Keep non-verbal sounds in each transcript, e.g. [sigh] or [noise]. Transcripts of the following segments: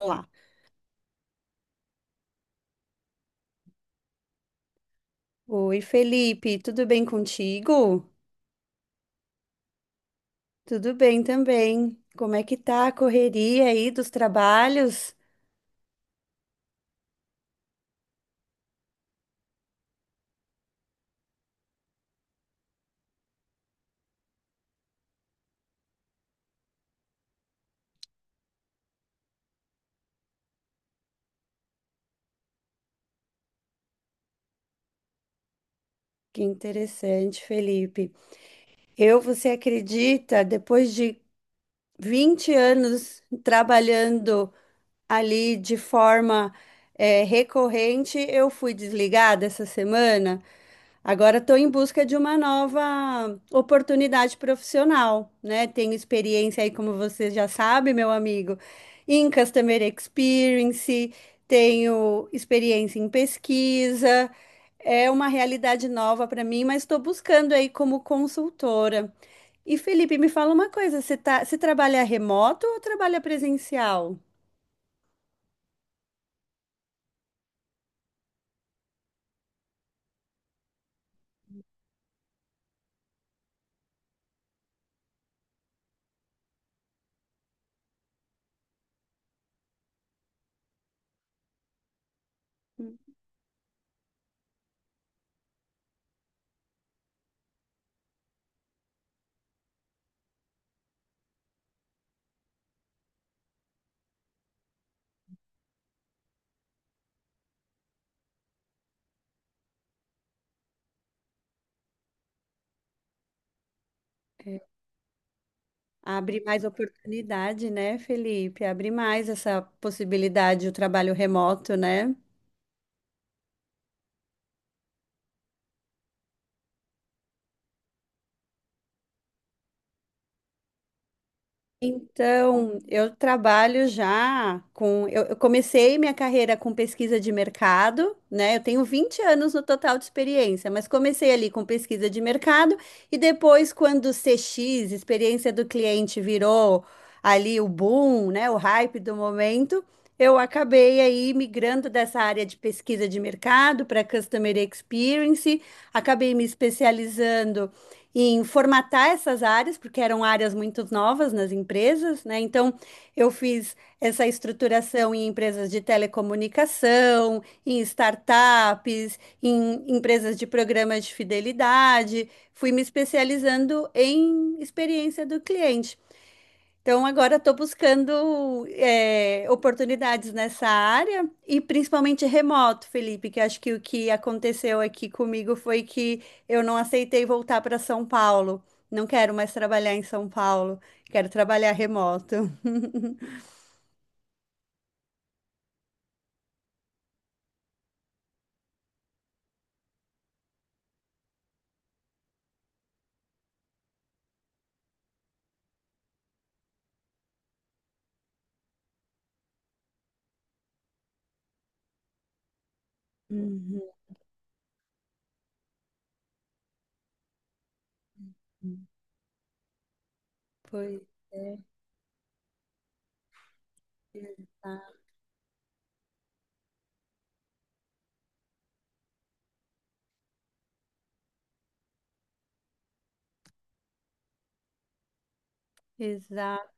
Olá. Oi, Felipe, tudo bem contigo? Tudo bem também. Como é que tá a correria aí dos trabalhos? Que interessante, Felipe. Eu, você acredita, depois de 20 anos trabalhando ali de forma recorrente, eu fui desligada essa semana. Agora estou em busca de uma nova oportunidade profissional, né? Tenho experiência aí, como você já sabe, meu amigo, em Customer Experience, tenho experiência em pesquisa, é uma realidade nova para mim, mas estou buscando aí como consultora. E Felipe, me fala uma coisa, você trabalha remoto ou trabalha presencial? Abre mais oportunidade, né, Felipe? Abre mais essa possibilidade, o trabalho remoto, né? Então, eu trabalho já com. Eu comecei minha carreira com pesquisa de mercado, né? Eu tenho 20 anos no total de experiência, mas comecei ali com pesquisa de mercado e depois, quando o CX, experiência do cliente, virou ali o boom, né? O hype do momento, eu acabei aí migrando dessa área de pesquisa de mercado para Customer Experience, acabei me especializando em formatar essas áreas, porque eram áreas muito novas nas empresas, né? Então, eu fiz essa estruturação em empresas de telecomunicação, em startups, em empresas de programas de fidelidade, fui me especializando em experiência do cliente. Então, agora estou buscando oportunidades nessa área e principalmente remoto, Felipe, que acho que o que aconteceu aqui comigo foi que eu não aceitei voltar para São Paulo. Não quero mais trabalhar em São Paulo, quero trabalhar remoto. [laughs] Uhum. Pois é, exato. Exato.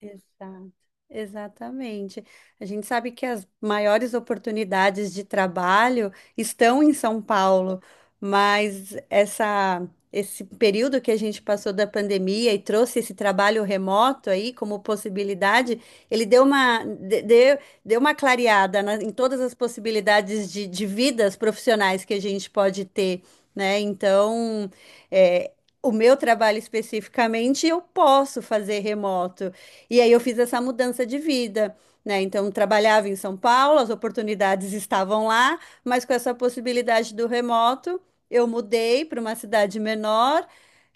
Exato, exatamente. A gente sabe que as maiores oportunidades de trabalho estão em São Paulo, mas essa, esse período que a gente passou da pandemia e trouxe esse trabalho remoto aí como possibilidade, ele deu deu, deu uma em todas as possibilidades de vidas profissionais que a gente pode ter, né? Então, é, o meu trabalho especificamente eu posso fazer remoto. E aí eu fiz essa mudança de vida, né? Então trabalhava em São Paulo, as oportunidades estavam lá, mas com essa possibilidade do remoto, eu mudei para uma cidade menor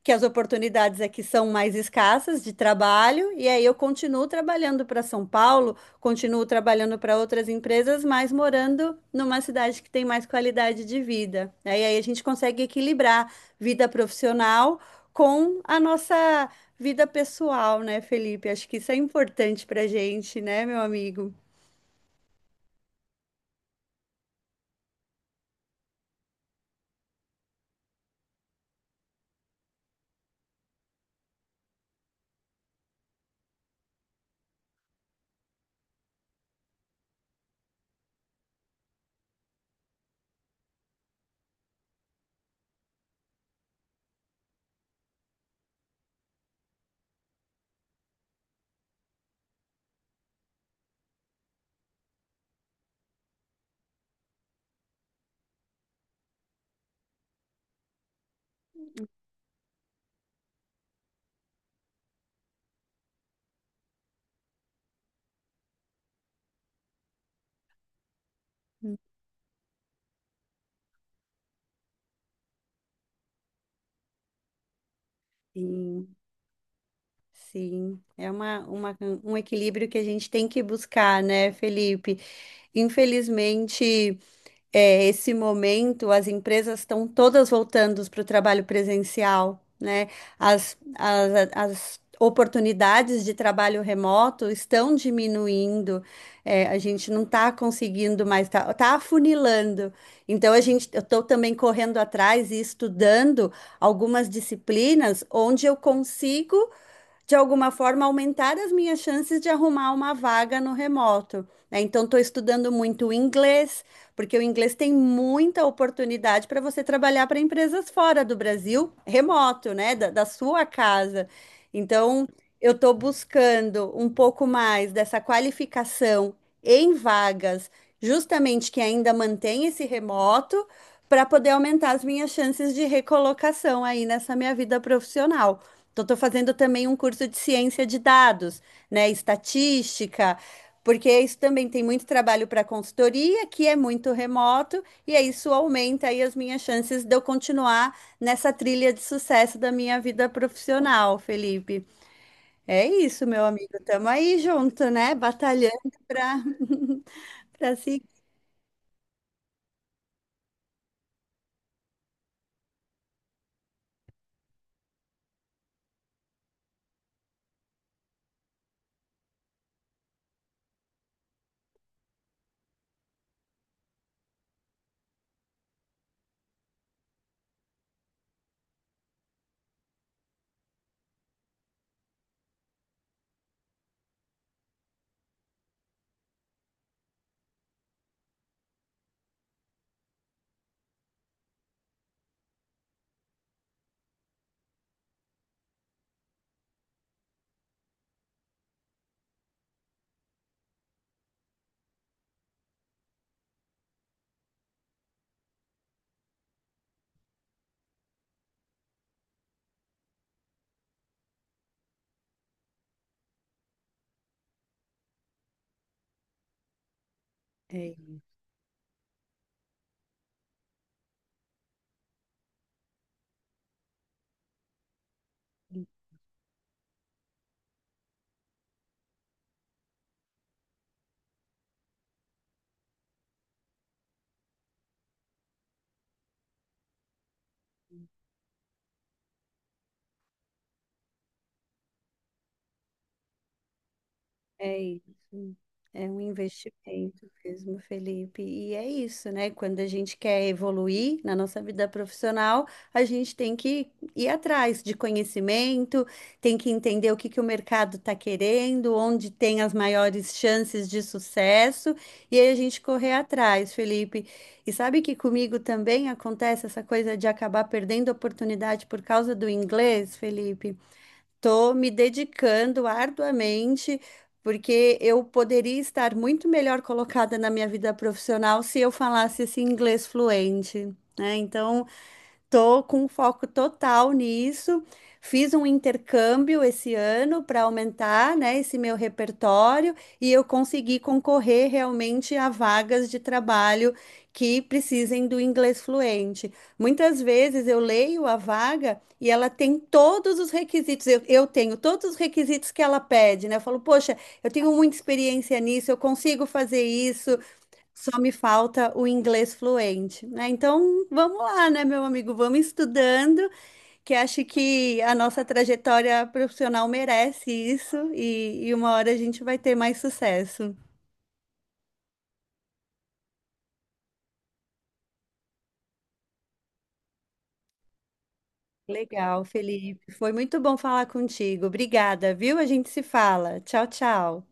que as oportunidades aqui são mais escassas de trabalho, e aí eu continuo trabalhando para São Paulo, continuo trabalhando para outras empresas, mas morando numa cidade que tem mais qualidade de vida. Aí a gente consegue equilibrar vida profissional com a nossa vida pessoal, né, Felipe? Acho que isso é importante para a gente, né, meu amigo? Sim, sim. É um equilíbrio que a gente tem que buscar, né, Felipe? Infelizmente. Esse momento, as empresas estão todas voltando para o trabalho presencial, né? As oportunidades de trabalho remoto estão diminuindo, a gente não está conseguindo mais, está tá afunilando. Então, eu estou também correndo atrás e estudando algumas disciplinas onde eu consigo de alguma forma, aumentar as minhas chances de arrumar uma vaga no remoto, né? Então, estou estudando muito o inglês, porque o inglês tem muita oportunidade para você trabalhar para empresas fora do Brasil, remoto, né? Da sua casa. Então, eu estou buscando um pouco mais dessa qualificação em vagas, justamente que ainda mantém esse remoto, para poder aumentar as minhas chances de recolocação aí nessa minha vida profissional. Então, estou fazendo também um curso de ciência de dados, né? Estatística, porque isso também tem muito trabalho para consultoria, que é muito remoto, e aí isso aumenta aí as minhas chances de eu continuar nessa trilha de sucesso da minha vida profissional, Felipe. É isso, meu amigo. Estamos aí junto, né? Batalhando para [laughs] para seguir. É isso. É um investimento mesmo, Felipe. E é isso, né? Quando a gente quer evoluir na nossa vida profissional, a gente tem que ir atrás de conhecimento, tem que entender o que que o mercado está querendo, onde tem as maiores chances de sucesso, e aí a gente correr atrás, Felipe. E sabe que comigo também acontece essa coisa de acabar perdendo oportunidade por causa do inglês, Felipe? Estou me dedicando arduamente, porque eu poderia estar muito melhor colocada na minha vida profissional se eu falasse esse inglês fluente, né? Então, tô com foco total nisso. Fiz um intercâmbio esse ano para aumentar, né, esse meu repertório e eu consegui concorrer realmente a vagas de trabalho que precisem do inglês fluente. Muitas vezes eu leio a vaga e ela tem todos os requisitos. Eu tenho todos os requisitos que ela pede, né? Eu falo, poxa, eu tenho muita experiência nisso, eu consigo fazer isso. Só me falta o inglês fluente, né? Então, vamos lá, né, meu amigo? Vamos estudando, que acho que a nossa trajetória profissional merece isso e uma hora a gente vai ter mais sucesso. Legal, Felipe. Foi muito bom falar contigo. Obrigada, viu? A gente se fala. Tchau, tchau.